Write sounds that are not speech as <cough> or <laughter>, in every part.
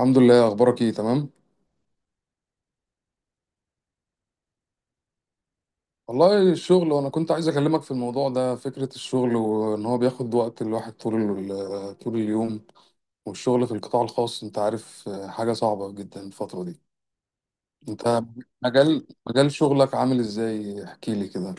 الحمد لله. اخبارك ايه؟ تمام. والله الشغل، وانا كنت عايز اكلمك في الموضوع ده، فكرة الشغل وان هو بياخد وقت الواحد طول طول اليوم. والشغل في القطاع الخاص انت عارف، حاجة صعبة جدا الفترة دي. انت مجال شغلك عامل ازاي؟ احكي لي كده.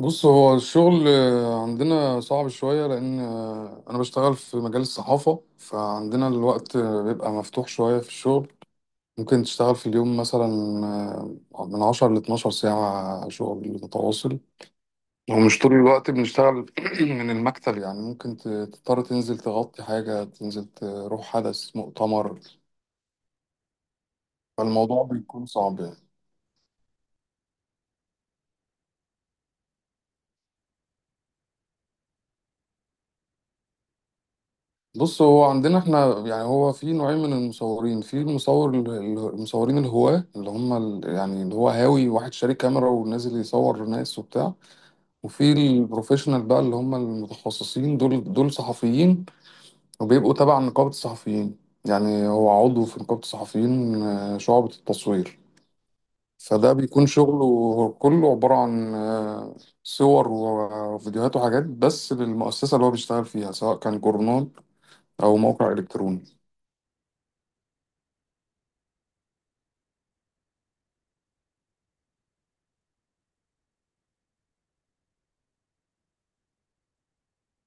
بص، هو الشغل عندنا صعب شوية، لان انا بشتغل في مجال الصحافة، فعندنا الوقت بيبقى مفتوح شوية في الشغل. ممكن تشتغل في اليوم مثلا من 10 لـ12 ساعة شغل متواصل. ومش طول الوقت بنشتغل <clears throat> من المكتب، يعني ممكن تضطر تنزل تغطي حاجة، تنزل تروح حدث، مؤتمر. فالموضوع بيكون صعب يعني. بص، هو عندنا احنا يعني هو في نوعين من المصورين. في المصور المصورين الهواة اللي هم يعني اللي هو هاوي، واحد شاري كاميرا ونازل يصور ناس وبتاع. وفي البروفيشنال بقى اللي هم المتخصصين، دول دول صحفيين وبيبقوا تبع نقابة الصحفيين. يعني هو عضو في نقابة الصحفيين، شعبة التصوير. فده بيكون شغله كله عبارة عن صور وفيديوهات وحاجات، بس للمؤسسة اللي هو بيشتغل فيها، سواء كان جورنال أو موقع إلكتروني.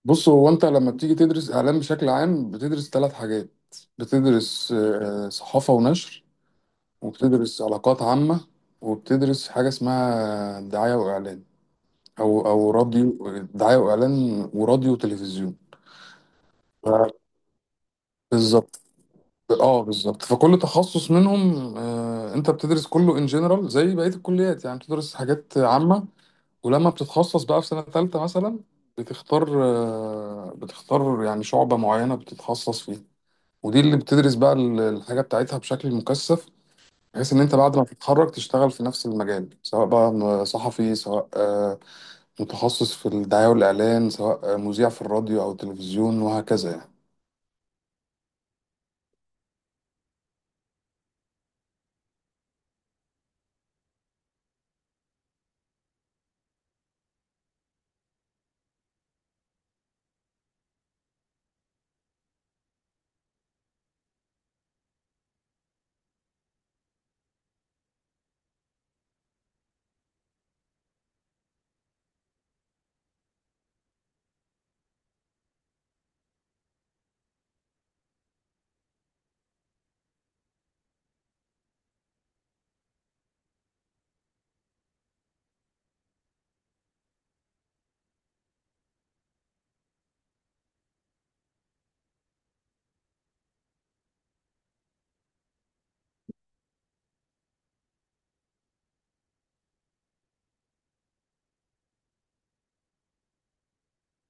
بص، هو أنت لما بتيجي تدرس إعلام بشكل عام بتدرس ثلاث حاجات. بتدرس صحافة ونشر، وبتدرس علاقات عامة، وبتدرس حاجة اسمها دعاية وإعلان. أو راديو، دعاية وإعلان وراديو وتلفزيون. بالظبط. اه بالظبط. فكل تخصص منهم انت بتدرس كله ان جنرال زي بقيه الكليات، يعني بتدرس حاجات عامه. ولما بتتخصص بقى في سنه ثالثه مثلا بتختار بتختار يعني شعبه معينه بتتخصص فيها، ودي اللي بتدرس بقى الحاجه بتاعتها بشكل مكثف، بحيث ان انت بعد ما تتخرج تشتغل في نفس المجال، سواء بقى صحفي، سواء متخصص في الدعايه والاعلان، سواء مذيع في الراديو او التلفزيون، وهكذا يعني.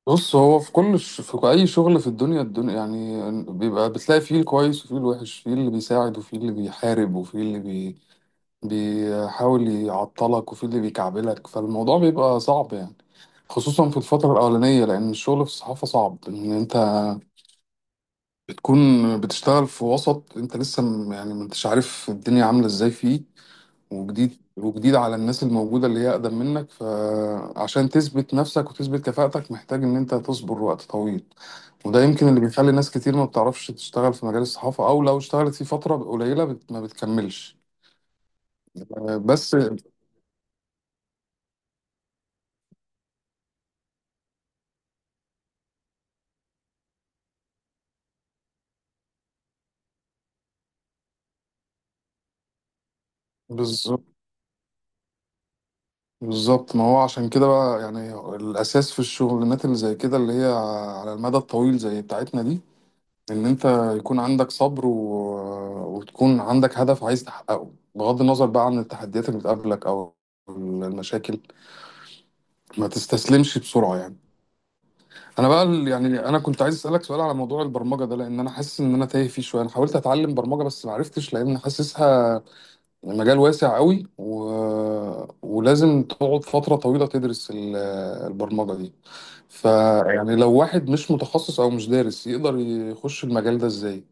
بص، هو في كل في اي شغل في الدنيا، الدنيا يعني بيبقى بتلاقي فيه الكويس وفيه الوحش، فيه اللي بيساعد وفيه اللي بيحارب، وفيه اللي بيحاول يعطلك، وفيه اللي بيكعبلك. فالموضوع بيبقى صعب يعني، خصوصا في الفترة الأولانية، لأن الشغل في الصحافة صعب. إن أنت بتكون بتشتغل في وسط أنت لسه يعني ما أنتش عارف الدنيا عاملة إزاي فيه، وجديد على الناس الموجودة اللي هي أقدم منك، فعشان تثبت نفسك وتثبت كفاءتك محتاج إن أنت تصبر وقت طويل. وده يمكن اللي بيخلي ناس كتير ما بتعرفش تشتغل في مجال الصحافة، أو لو اشتغلت فيه فترة قليلة ما بتكملش. بس بالظبط. بالظبط، ما هو عشان كده بقى يعني الأساس في الشغلانات اللي زي كده، اللي هي على المدى الطويل زي بتاعتنا دي، ان انت يكون عندك صبر و... وتكون عندك هدف عايز تحققه، بغض النظر بقى عن التحديات اللي بتقابلك او المشاكل، ما تستسلمش بسرعة يعني. انا بقى يعني انا كنت عايز اسالك سؤال على موضوع البرمجة ده، لان انا حاسس ان انا تايه فيه شوية. انا حاولت اتعلم برمجة بس ما عرفتش، لان حاسسها مجال واسع قوي و... ولازم تقعد فترة طويلة تدرس البرمجة دي. فيعني لو واحد مش متخصص او مش دارس يقدر يخش المجال ده ازاي؟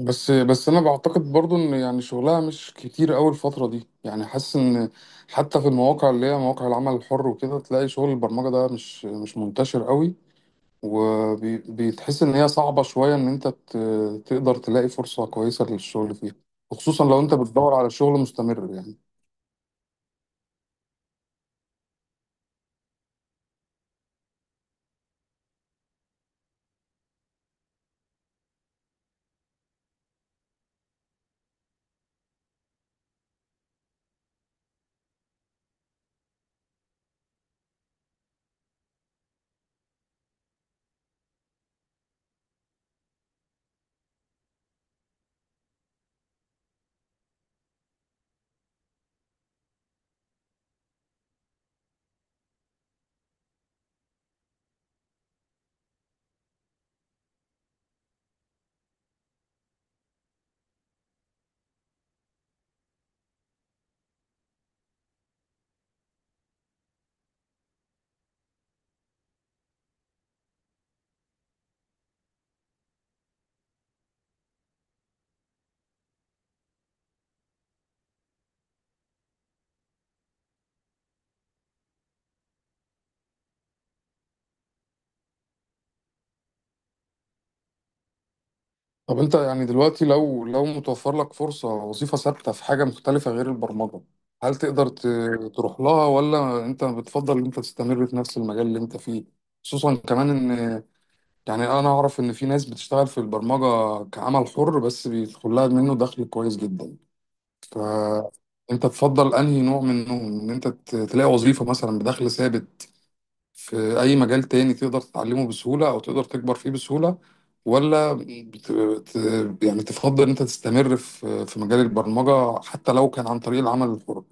بس انا بعتقد برضو ان يعني شغلها مش كتير قوي الفتره دي، يعني حاسس ان حتى في المواقع اللي هي مواقع العمل الحر وكده تلاقي شغل البرمجه ده مش مش منتشر قوي، وبيتحس ان هي صعبه شويه، ان انت تقدر تلاقي فرصه كويسه للشغل فيها، وخصوصا لو انت بتدور على شغل مستمر يعني. طب انت يعني دلوقتي لو لو متوفر لك فرصة وظيفة ثابتة في حاجة مختلفة غير البرمجة، هل تقدر تروح لها، ولا انت بتفضل ان انت تستمر في نفس المجال اللي انت فيه؟ خصوصا كمان ان يعني انا اعرف ان في ناس بتشتغل في البرمجة كعمل حر بس بيدخل لها منه دخل كويس جدا. فانت تفضل انهي نوع منهم؟ ان انت تلاقي وظيفة مثلا بدخل ثابت في أي مجال تاني تقدر تتعلمه بسهولة أو تقدر تكبر فيه بسهولة، ولا يعني تفضل إن أنت تستمر في مجال البرمجة حتى لو كان عن طريق العمل الحر؟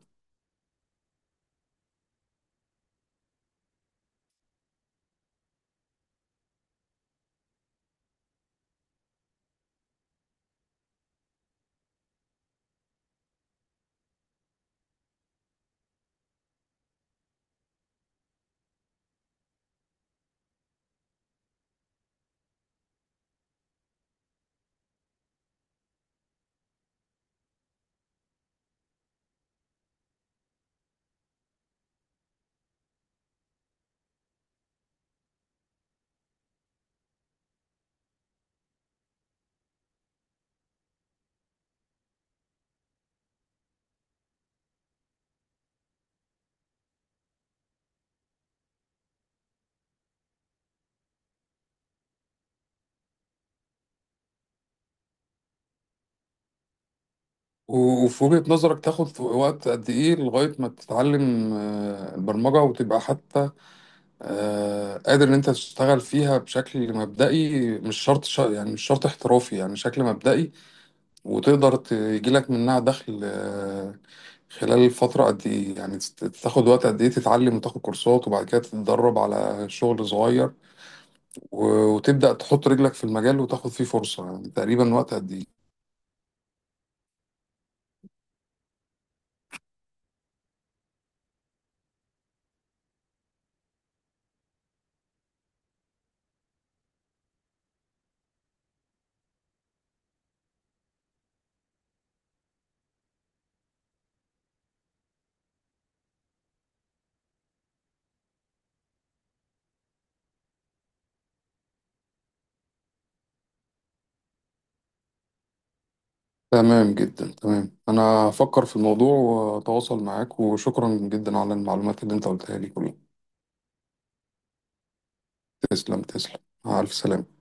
وفي وجهة نظرك تاخد في وقت قد إيه لغاية ما تتعلم البرمجة وتبقى حتى قادر إن أنت تشتغل فيها بشكل مبدئي، مش شرط يعني مش شرط احترافي، يعني شكل مبدئي، وتقدر تجيلك منها دخل خلال فترة قد إيه؟ يعني تاخد وقت قد إيه تتعلم وتاخد كورسات، وبعد كده تتدرب على شغل صغير، وتبدأ تحط رجلك في المجال وتاخد فيه فرصة، يعني تقريبا وقت قد إيه؟ تمام جدا، تمام. أنا هفكر في الموضوع وأتواصل معاك، وشكرا جدا على المعلومات اللي أنت قلتها لي كلها. تسلم، تسلم. مع ألف سلامة.